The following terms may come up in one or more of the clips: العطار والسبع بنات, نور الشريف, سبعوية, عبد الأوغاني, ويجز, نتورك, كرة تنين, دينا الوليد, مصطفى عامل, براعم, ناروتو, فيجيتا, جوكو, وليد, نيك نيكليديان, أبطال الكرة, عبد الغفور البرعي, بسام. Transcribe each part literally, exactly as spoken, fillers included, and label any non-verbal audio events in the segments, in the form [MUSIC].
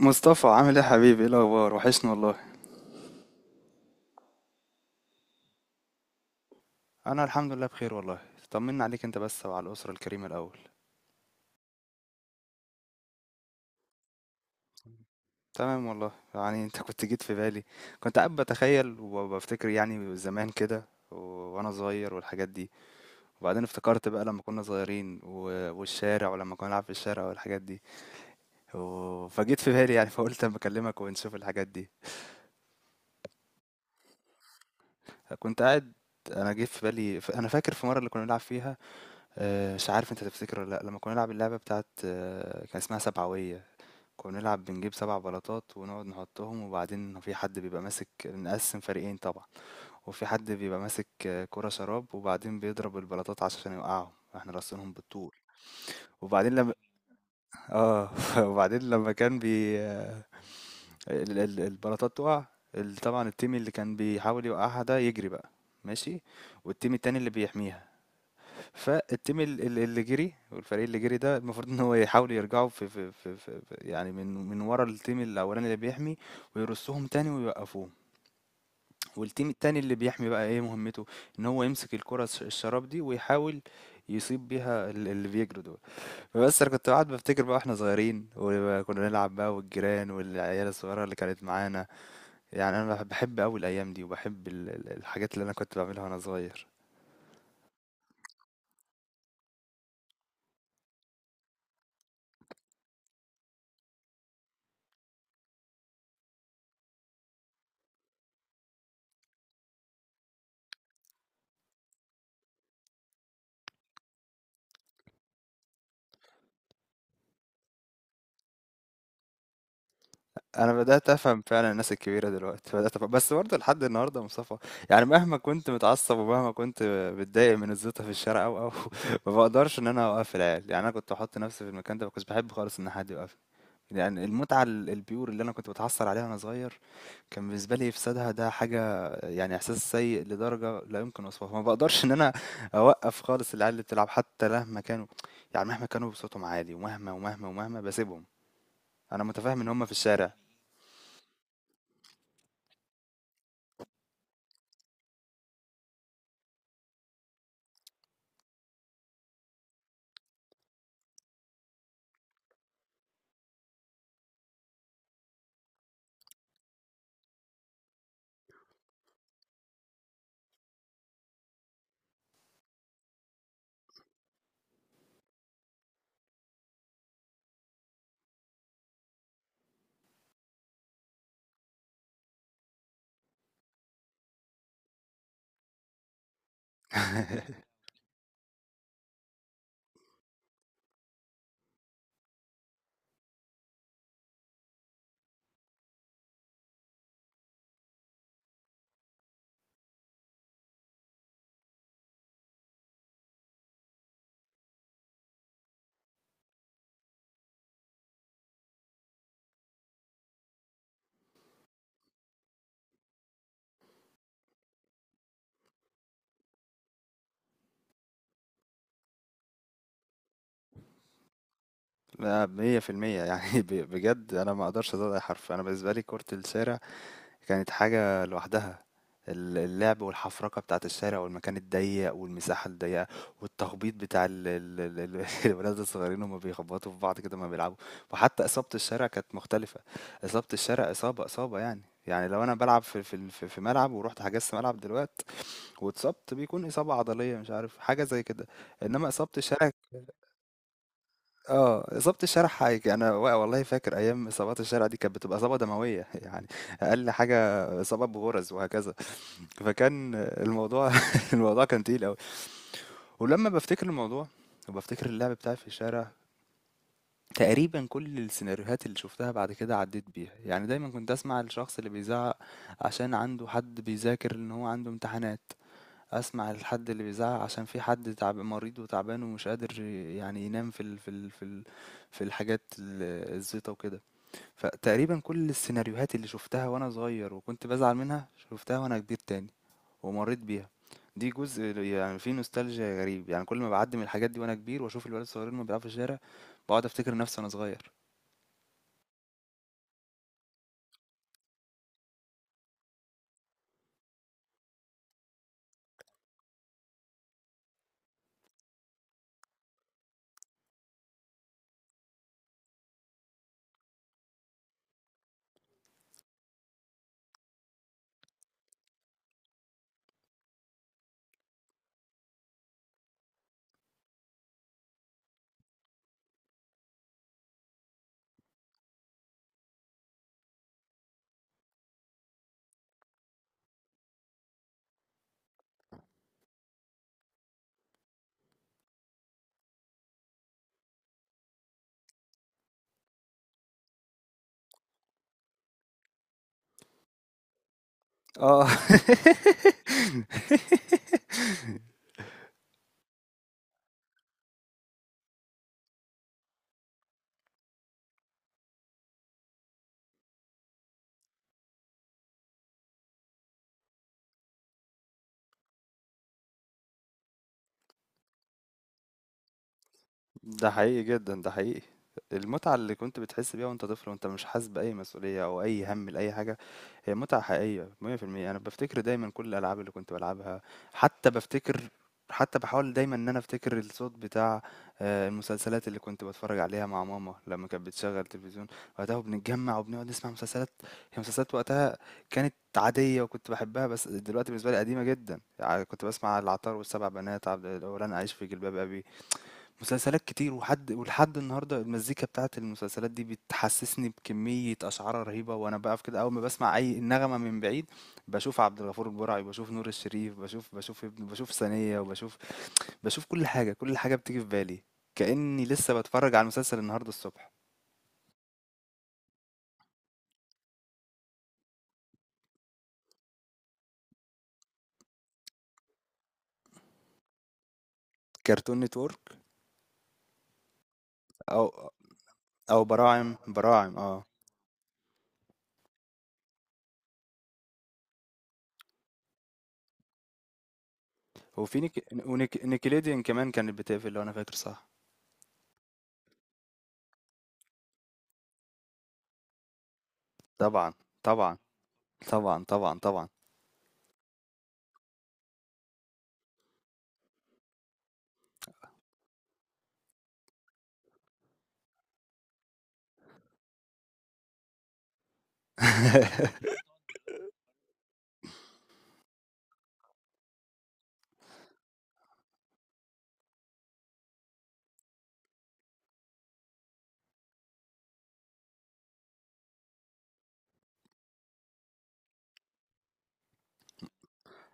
مصطفى، عامل ايه يا حبيبي؟ ايه الاخبار؟ وحشني والله. انا الحمد لله بخير والله. طمنا عليك انت بس وعلى الاسره الكريمه الاول. تمام والله. يعني انت كنت جيت في بالي، كنت قاعد بتخيل وبفتكر يعني زمان كده، و- وانا صغير والحاجات دي. وبعدين افتكرت بقى لما كنا صغيرين و- والشارع، ولما كنا نلعب في الشارع والحاجات دي. و- فجيت في بالي يعني، فقلت اما اكلمك ونشوف الحاجات دي. كنت قاعد، انا جيت في بالي. ف- انا فاكر في مره اللي كنا بنلعب فيها. آآ، مش عارف أنت تفتكر والّا لأ، لمّا كنا نلعب اللعبة بتاعة، كان اسمها سبعوية. كنا بنلعب بنجيب 7 بلاطات ونقعد نحطهم، وبعدين في حد بيبقى ماسك، نقسّم فريقين طبعًا، وفي حد بيبقى ماسك كورة شراب، وبعدين بيضرب البلاطات عشان يوقعهم، إحنا راصينهم بالطول. وبعدين لمّا، آه، [LAUGHS] وبعدين لمّا كان بي آه، ال ال البلاطات تُقع، ال طبعًا الteam اللي كان بيحاول يوقعها ده يجري بقى، ماشي، والteam التاني اللي بيحميها. فالتيم ال- ال- اللي جري، والفريق اللي جري ده المفروض ان هو يحاولوا يرجعوا في, في, في, في في- يعني من من ورا التيم الاولاني اللي بيحمي، ويرصهم تاني ويوقفوهم. والتيم التاني اللي بيحمي بقى ايه مهمته؟ ان هو يمسك الكرة الش- الشراب دي، ويحاول يصيب بيها ال- اللي بيجروا دول. بس انا كنت قاعد بفتكر بقى واحنا صغيرين وكنا نلعب بقى، والجيران والعيال الصغيره اللي كانت معانا. يعني انا بحب قوي الايام دي، وبحب ال- ال- الحاجات اللي انا كنت بعملها وانا صغير. انا بدات افهم فعلا الناس الكبيره دلوقتي، بدات أفهم. بس برضه لحد النهارده يا مصطفى، يعني مهما كنت متعصب، ومهما كنت بتضايق من الزيطه في الشارع او او [LAUGHS] ما بقدرش ان انا اوقف العيال. يعني انا كنت احط نفسي في المكان ده، ما كنتش بحب خالص ان حد يوقفني. يعني المتعه ال- البيور اللي انا كنت بتحصل عليها وانا صغير، كان بالنسبه لي افسادها ده حاجه، يعني احساس سيء لدرجه لا يمكن وصفها. ما بقدرش ان انا اوقف خالص العيال اللي بتلعب، حتى مهما كانوا. يعني مهما كانوا بصوتهم عالي، ومهما ومهما ومهما، بسيبهم. انا متفاهم ان هم في الشارع. [LAUGHS] لا، مية في المية يعني. [LAUGHS] ب- بجد أنا ما أقدرش أزود أي حرف. أنا بالنسبة لي كرة الشارع كانت حاجة لوحدها. ال- اللعب والحفرقة بتاعة الشارع والمكان الضيق والمساحة الضيقة والتخبيط بتاع ال- ال- ال- ال- [LAUGHS] الولاد الصغيرين، هما بيخبطوا في بعض كده ما بيلعبوا. وحتى إصابة الشارع كانت مختلفة. إصابة الشارع، إصابة إصابة يعني، يعني لو أنا بلعب في في في في ملعب، ورحت حجزت ملعب دلوقتي واتصبت، بيكون إصابة عضلية، مش عارف، حاجة زي كده. إنما إصابة الشارع، آه، إصابة الشارع حاجة. أنا و والله فاكر أيام إصابات الشارع دي، كانت بتبقى إصابة دموية، [LAUGHS] يعني أقل حاجة إصابة بغرز وهكذا. فكان الموضوع، [LAUGHS] الموضوع كان تقيل أوي. ولمّا بافتكر الموضوع وبافتكر اللعب بتاعي في الشارع، تقريبًا كل السيناريوهات اللي شُفتها بعد كده عدّيت بيها. يعني دايمًا كنت أسمع الشخص اللي بيزعّق عشان عنده حد بيذاكر إن هو عنده امتحانات. اسمع الحد اللي بيزعق عشان في حد تعب مريض وتعبان ومش قادر ي- يعني ينام في ال... في ال... في ال... في الحاجات ال- الزيطه وكده. فتقريبا كل السيناريوهات اللي شفتها وانا صغير وكنت بزعل منها، شفتها وانا كبير تاني ومريت بيها. دي جزء يعني في نوستالجيا غريب، يعني كل ما بعدي من الحاجات دي وانا كبير واشوف الولاد الصغيرين ما بيلعبوا في الشارع، بقعد افتكر نفسي وانا صغير. اه. [LAUGHS] ده حقيقي جدًا، ده حقيقي. المتعة اللي كنت بتحس بيها وأنت طفل وأنت مش حاسس بأي مسؤولية أو أي هَم لأي حاجة، هي متعة حقيقية مية في المية. أنا بافتكر دايمًا كل الألعاب اللي كنت بالعبها. حتى بافتكر، حتى باحاول دايمًا إن أنا أفتكر الصوت بتاع آآ المسلسلات اللي كنت باتفرج عليها مع ماما لمّا كانت بتشغّل تلفزيون، وقتها، وبنتجمّع وبنقعد نسمع مسلسلات. هي مسلسلات وقتها كانت عادية وكنت باحبها، بس دلوقتي بالنسبة لي قديمة جدًا. ع كنت باسمع العطار والسبع بنات، عبد الأوغاني، أعيش في جلباب أبي، مسلسلات كتير. وحد ولحد النهارده المزيكا بتاعت المسلسلات دي بتحسسني بكمية أشعار رهيبة، وأنا بقف كده أول ما بسمع أي نغمة من بعيد، بشوف عبد الغفور البرعي، بشوف نور الشريف، بشوف بشوف ابن، بشوف ثانية، وبشوف بشوف كل حاجة كل حاجة بتيجي في بالي. كأني لسه بتفرج على المسلسل النهارده الصبح. كرتون نتورك، أو أو براعم، براعم، اه. وفي نيك ونيك نيكليديان كمان، كانت بتقفل لو أنا فاكر صح. طبعا، طبعا، طبعا، طبعا، طبعا.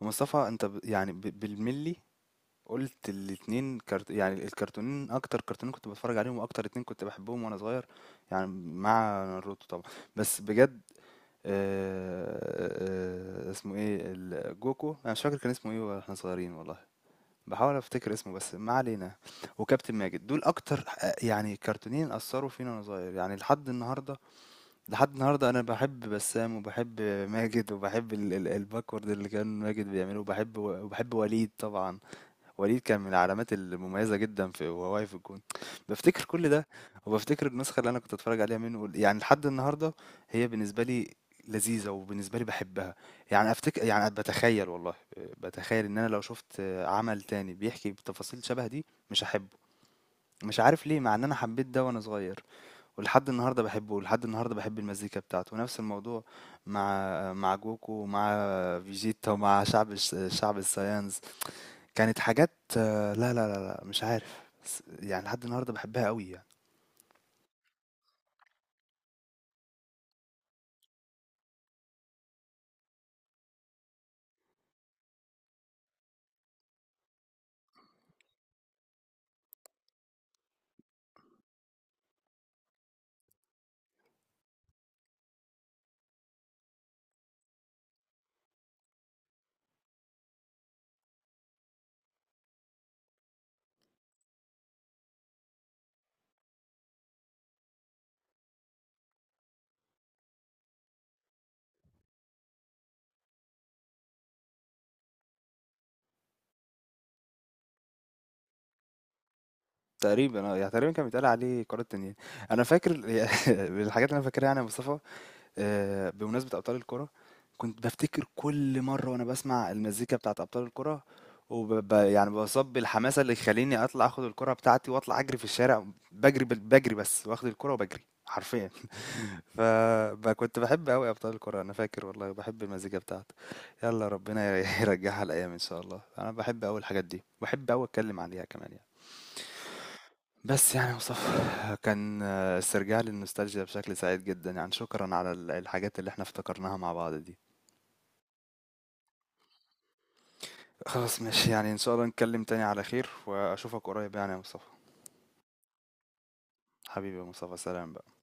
مصطفى انت ب... يعني ب... بالملي، قلت الاتنين كارت... يعني الكرتونين، اكتر كرتونين كنت بتفرج عليهم، واكتر اتنين كنت بحبهم وانا صغير يعني، مع ناروتو طبعا. بس بجد، آه... آه... آه، اسمه ايه ال- جوكو؟ انا مش فاكر كان اسمه ايه واحنا صغيرين والله. بحاول افتكر اسمه بس ما علينا. وكابتن ماجد، دول اكتر آه، يعني كرتونين اثروا فينا وانا صغير، يعني لحد النهارده. لحد النهارده انا بحب بسام، وبحب ماجد، وبحب ال- ال- الباكورد اللي كان ماجد بيعمله، وبحب وبحب وليد طبعا. وليد كان من العلامات المميزة جدا في، وهو واقف في الجون. بفتكر كل ده، وبفتكر النسخة اللي أنا كنت أتفرج عليها منه يعني لحد النهاردة، هي بالنسبة لي لذيذة، وبالنسبة لي بحبها. يعني أفتكر، يعني بتخيل والله، بتخيل إن أنا لو شفت عمل تاني بيحكي بتفاصيل شبه دي، مش هحبه. مش عارف ليه، مع إن أنا حبيت ده وأنا صغير، ولحد النهاردة بحبه، ولحد النهاردة بحب المزيكا بتاعته. ونفس الموضوع مع مع جوكو، ومع فيجيتا، ومع شعب، الشعب الصيان، كانت حاجات. آه، لا، لا، لا، لا، مش عارف. بس يعني لحد النهارده بحبها قوي يعني. تقريبا، اه يعني تقريبا كان بيتقال عليه كرة تنين. انا فاكر، [LAUGHS] من الحاجات اللي انا فاكرها يعني يا مصطفى. آه، بمناسبة أبطال الكرة، كنت بفتكر كل مرة وأنا بسمع المزيكا بتاعت أبطال الكرة، وب ب- يعني بصب الحماسة اللي يخليني أطلع أخد الكرة بتاعتي وأطلع أجري في الشارع. بجري بال- بجري بس واخد الكرة، وبجري حرفيا. [LAUGHS] فكنت بحب أوي أبطال الكرة. أنا فاكر والله بحب المزيكا بتاعته. يلا ربنا ي- [LAUGHS] يرجعها الأيام إن شاء الله. أنا بحب أوي الحاجات دي، بحب أوي أتكلم عليها كمان يعني. بس يعني مصطفى، كان آه، استرجاع للنوستالجيا بشكل سعيد جدا. يعني شكرا على ال- الحاجات اللي احنا افتكرناها مع بعض دي. خلاص ماشي. يعني ان شاء الله نتكلم تاني على خير واشوفك قريب، يعني يا مصطفى. حبيبي يا مصطفى، سلام بقى.